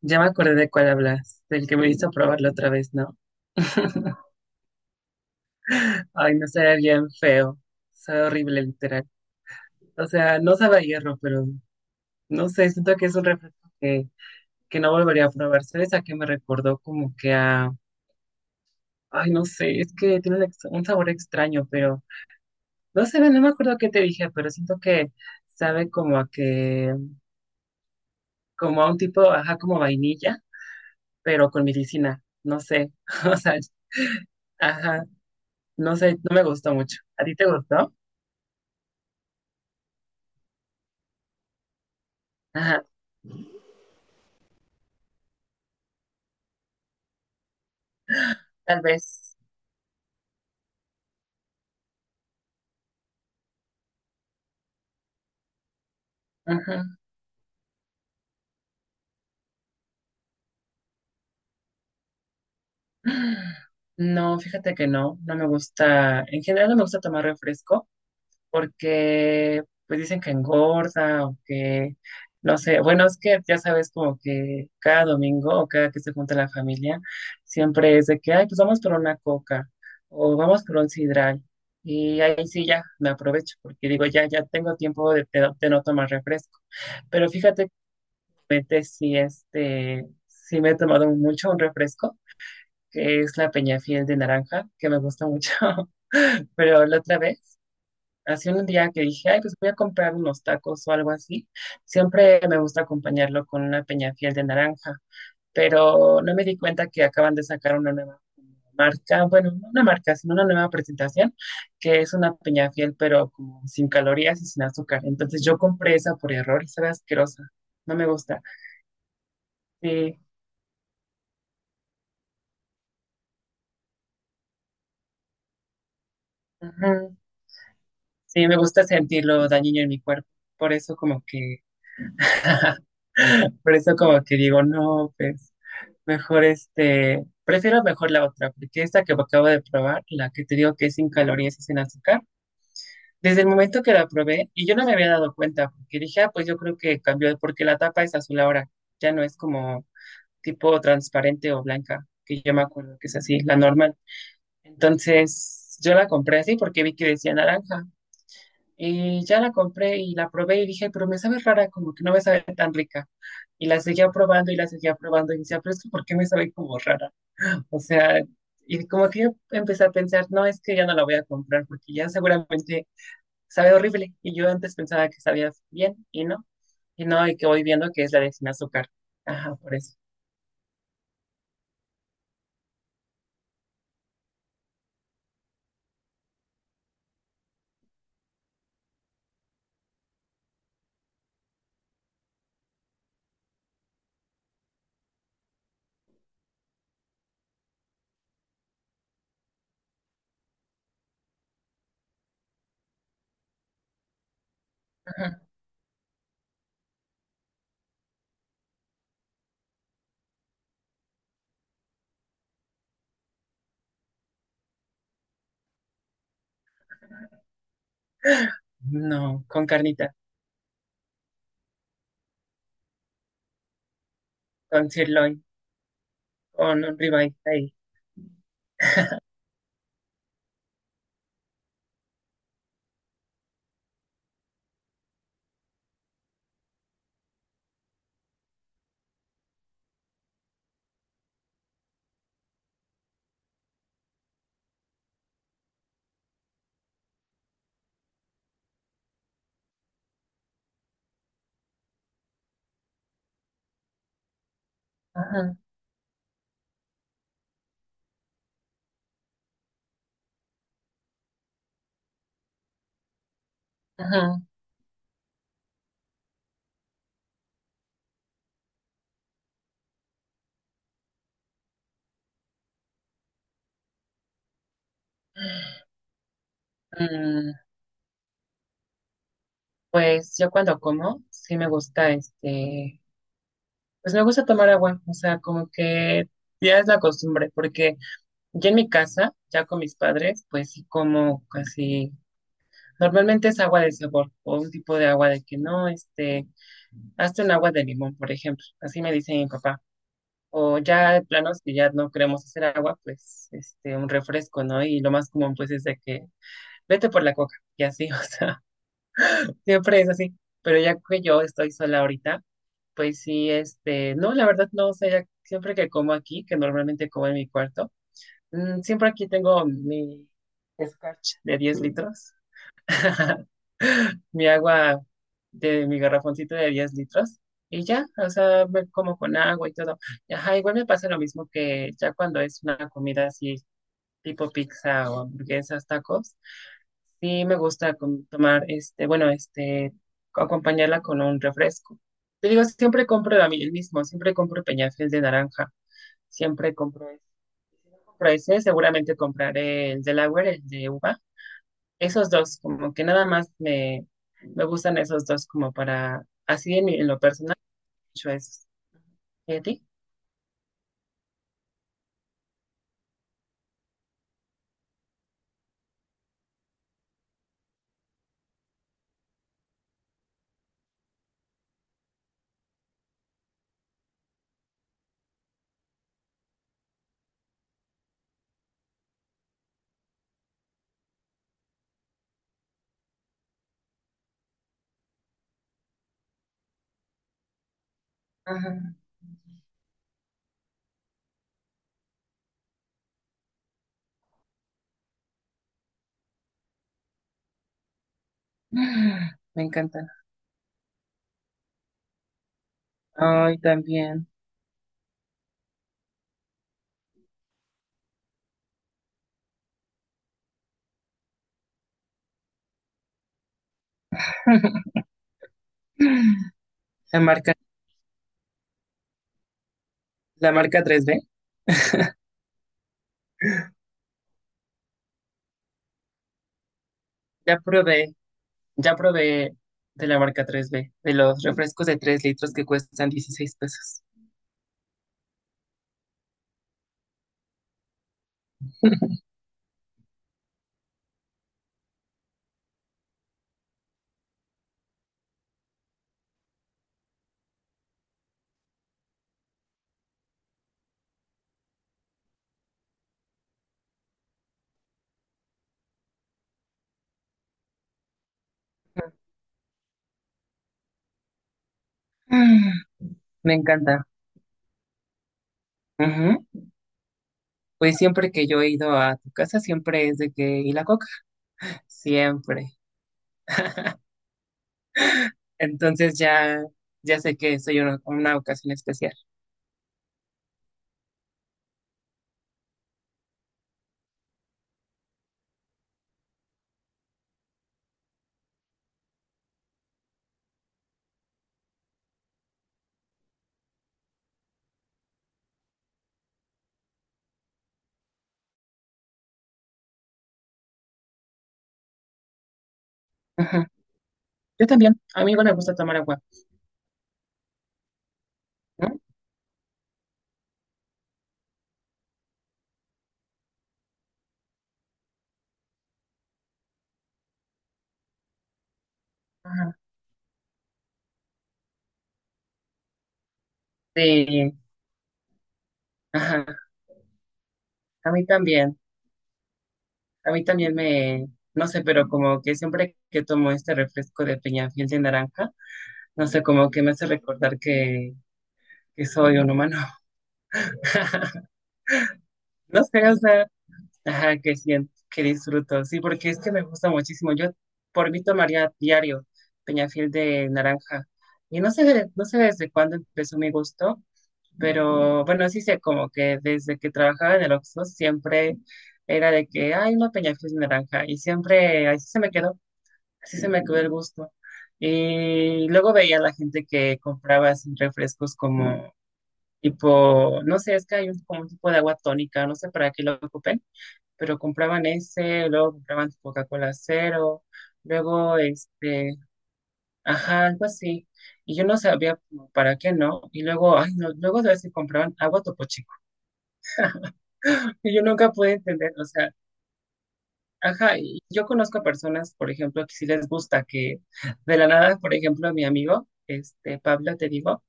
Ya me acordé de cuál hablas, del que me hizo probarlo otra vez, ¿no? Ay, no sabía bien feo, sabe horrible literal. O sea, no sabe a hierro, pero no sé, siento que es un refresco que no volvería a probar. ¿Sabes a qué me recordó? Como que a, ay, no sé, es que tiene un sabor extraño, pero no sé, no me acuerdo qué te dije, pero siento que sabe como a que, como a un tipo, ajá, como vainilla, pero con medicina, no sé, o sea, ajá. No sé, no me gustó mucho. ¿A ti te gustó? Ajá, tal vez. Ajá. No, fíjate que no, no me gusta. En general no me gusta tomar refresco porque pues dicen que engorda o que no sé. Bueno, es que ya sabes como que cada domingo o cada que se junta la familia siempre es de que, ay, pues vamos por una coca o vamos por un sidral. Y ahí sí ya me aprovecho porque digo, ya, ya tengo tiempo de no tomar refresco. Pero fíjate. Realmente sí, sí me he tomado mucho un refresco, que es la Peña Fiel de naranja, que me gusta mucho. Pero la otra vez, hace un día que dije, ay, pues voy a comprar unos tacos o algo así. Siempre me gusta acompañarlo con una Peña Fiel de naranja, pero no me di cuenta que acaban de sacar una nueva marca, bueno, no una marca, sino una nueva presentación, que es una Peña Fiel, pero como sin calorías y sin azúcar. Entonces yo compré esa por error y sabe asquerosa. No me gusta. Sí. Ujú. Sí, me gusta sentirlo dañino en mi cuerpo. Por eso como que, por eso como que digo, no, pues mejor, prefiero mejor la otra, porque esta que acabo de probar, la que te digo que es sin calorías y sin azúcar, desde el momento que la probé, y yo no me había dado cuenta, porque dije, ah, pues yo creo que cambió, porque la tapa es azul ahora, ya no es como tipo transparente o blanca, que yo me acuerdo que es así, la normal. Entonces, yo la compré así porque vi que decía naranja. Y ya la compré y la probé y dije, pero me sabe rara, como que no me sabe tan rica. Y la seguía probando y la seguía probando y decía, pero es que ¿por qué me sabe como rara? O sea, y como que yo empecé a pensar, no, es que ya no la voy a comprar porque ya seguramente sabe horrible. Y yo antes pensaba que sabía bien y no, y no, y que voy viendo que es la de sin azúcar. Ajá, por eso. Ajá. No, con carnita, con sirloin, con un ribeye ahí. Ajá, ajá. Mm. Pues yo cuando como, sí me gusta, pues me gusta tomar agua, o sea, como que ya es la costumbre, porque ya en mi casa, ya con mis padres, pues sí como casi, normalmente es agua de sabor o un tipo de agua de que no, hazte un agua de limón, por ejemplo, así me dice mi papá. O ya de planos que ya no queremos hacer agua, pues un refresco, ¿no? Y lo más común pues es de que vete por la coca y así, o sea. Siempre es así, pero ya que yo estoy sola ahorita, pues sí, no, la verdad no, o sea, ya siempre que como aquí, que normalmente como en mi cuarto, mm, siempre aquí tengo mi Scotch de 10 litros, mi agua de mi garrafoncito de 10 litros, y ya, o sea, me como con agua y todo. Y ajá, igual me pasa lo mismo que ya cuando es una comida así, tipo pizza o hamburguesas, tacos, sí, me gusta tomar, acompañarla con un refresco. Te digo, siempre compro a mí el mismo, siempre compro Peñafiel de naranja, siempre compro ese. Si no compro ese, seguramente compraré el de Delaware, el de uva. Esos dos, como que nada más me, me gustan esos dos como para, en lo personal, mucho esos. ¿Y a ti? Ajá. Me encantan. Ay, también. La marca, la marca 3B. Ya probé. Ya probé de la marca 3B, de los refrescos de 3 litros que cuestan $16. Mm. Me encanta. Ujú. Pues siempre que yo he ido a tu casa, siempre es de que, ¿y la coca? Siempre. Entonces ya, ya sé que soy una ocasión especial. Ujú. Yo también. A mí igual me gusta tomar agua. ¿No? Ajá. Sí. Ajá. A mí también. A mí también me, no sé, pero como que siempre que tomo este refresco de Peñafiel de naranja, no sé, como que me hace recordar que soy un humano. No sé, o sea, ajá, que siento, que disfruto. Sí, porque es que me gusta muchísimo. Yo por mí tomaría diario Peñafiel de naranja. Y no sé, no sé desde cuándo empezó mi gusto, pero bueno, sí sé como que desde que trabajaba en el Oxxo siempre era de que hay una Peñafiel de naranja. Y siempre así se me quedó, así se me quedó el gusto. Y luego veía a la gente que compraba así refrescos como tipo, no sé, es que hay un, como un tipo de agua tónica, no sé para qué lo ocupen, pero compraban ese, luego compraban Coca-Cola cero, luego ajá, algo así. Y yo no sabía como para qué no, y luego, ay, no, luego de si compraban agua Topo Chico. Y yo nunca pude entender, o sea, ajá, y yo conozco personas, por ejemplo, que sí les gusta que de la nada, por ejemplo, mi amigo, Pablo, te digo,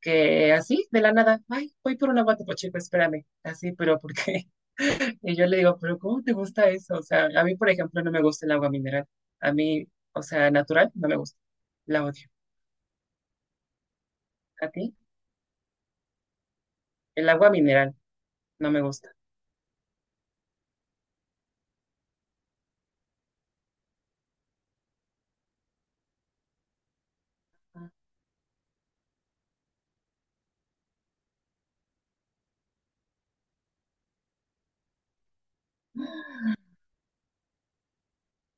que así, de la nada, ay, voy por un agua Topo Chico, espérame, así, pero porque. Y yo le digo, pero ¿cómo te gusta eso? O sea, a mí, por ejemplo, no me gusta el agua mineral. A mí, o sea, natural, no me gusta. La odio. ¿A ti? El agua mineral, no me gusta.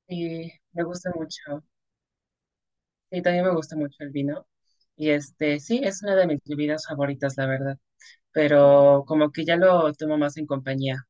Y me gusta mucho. Y también me gusta mucho el vino. Y sí, es una de mis bebidas favoritas, la verdad. Pero como que ya lo tomo más en compañía.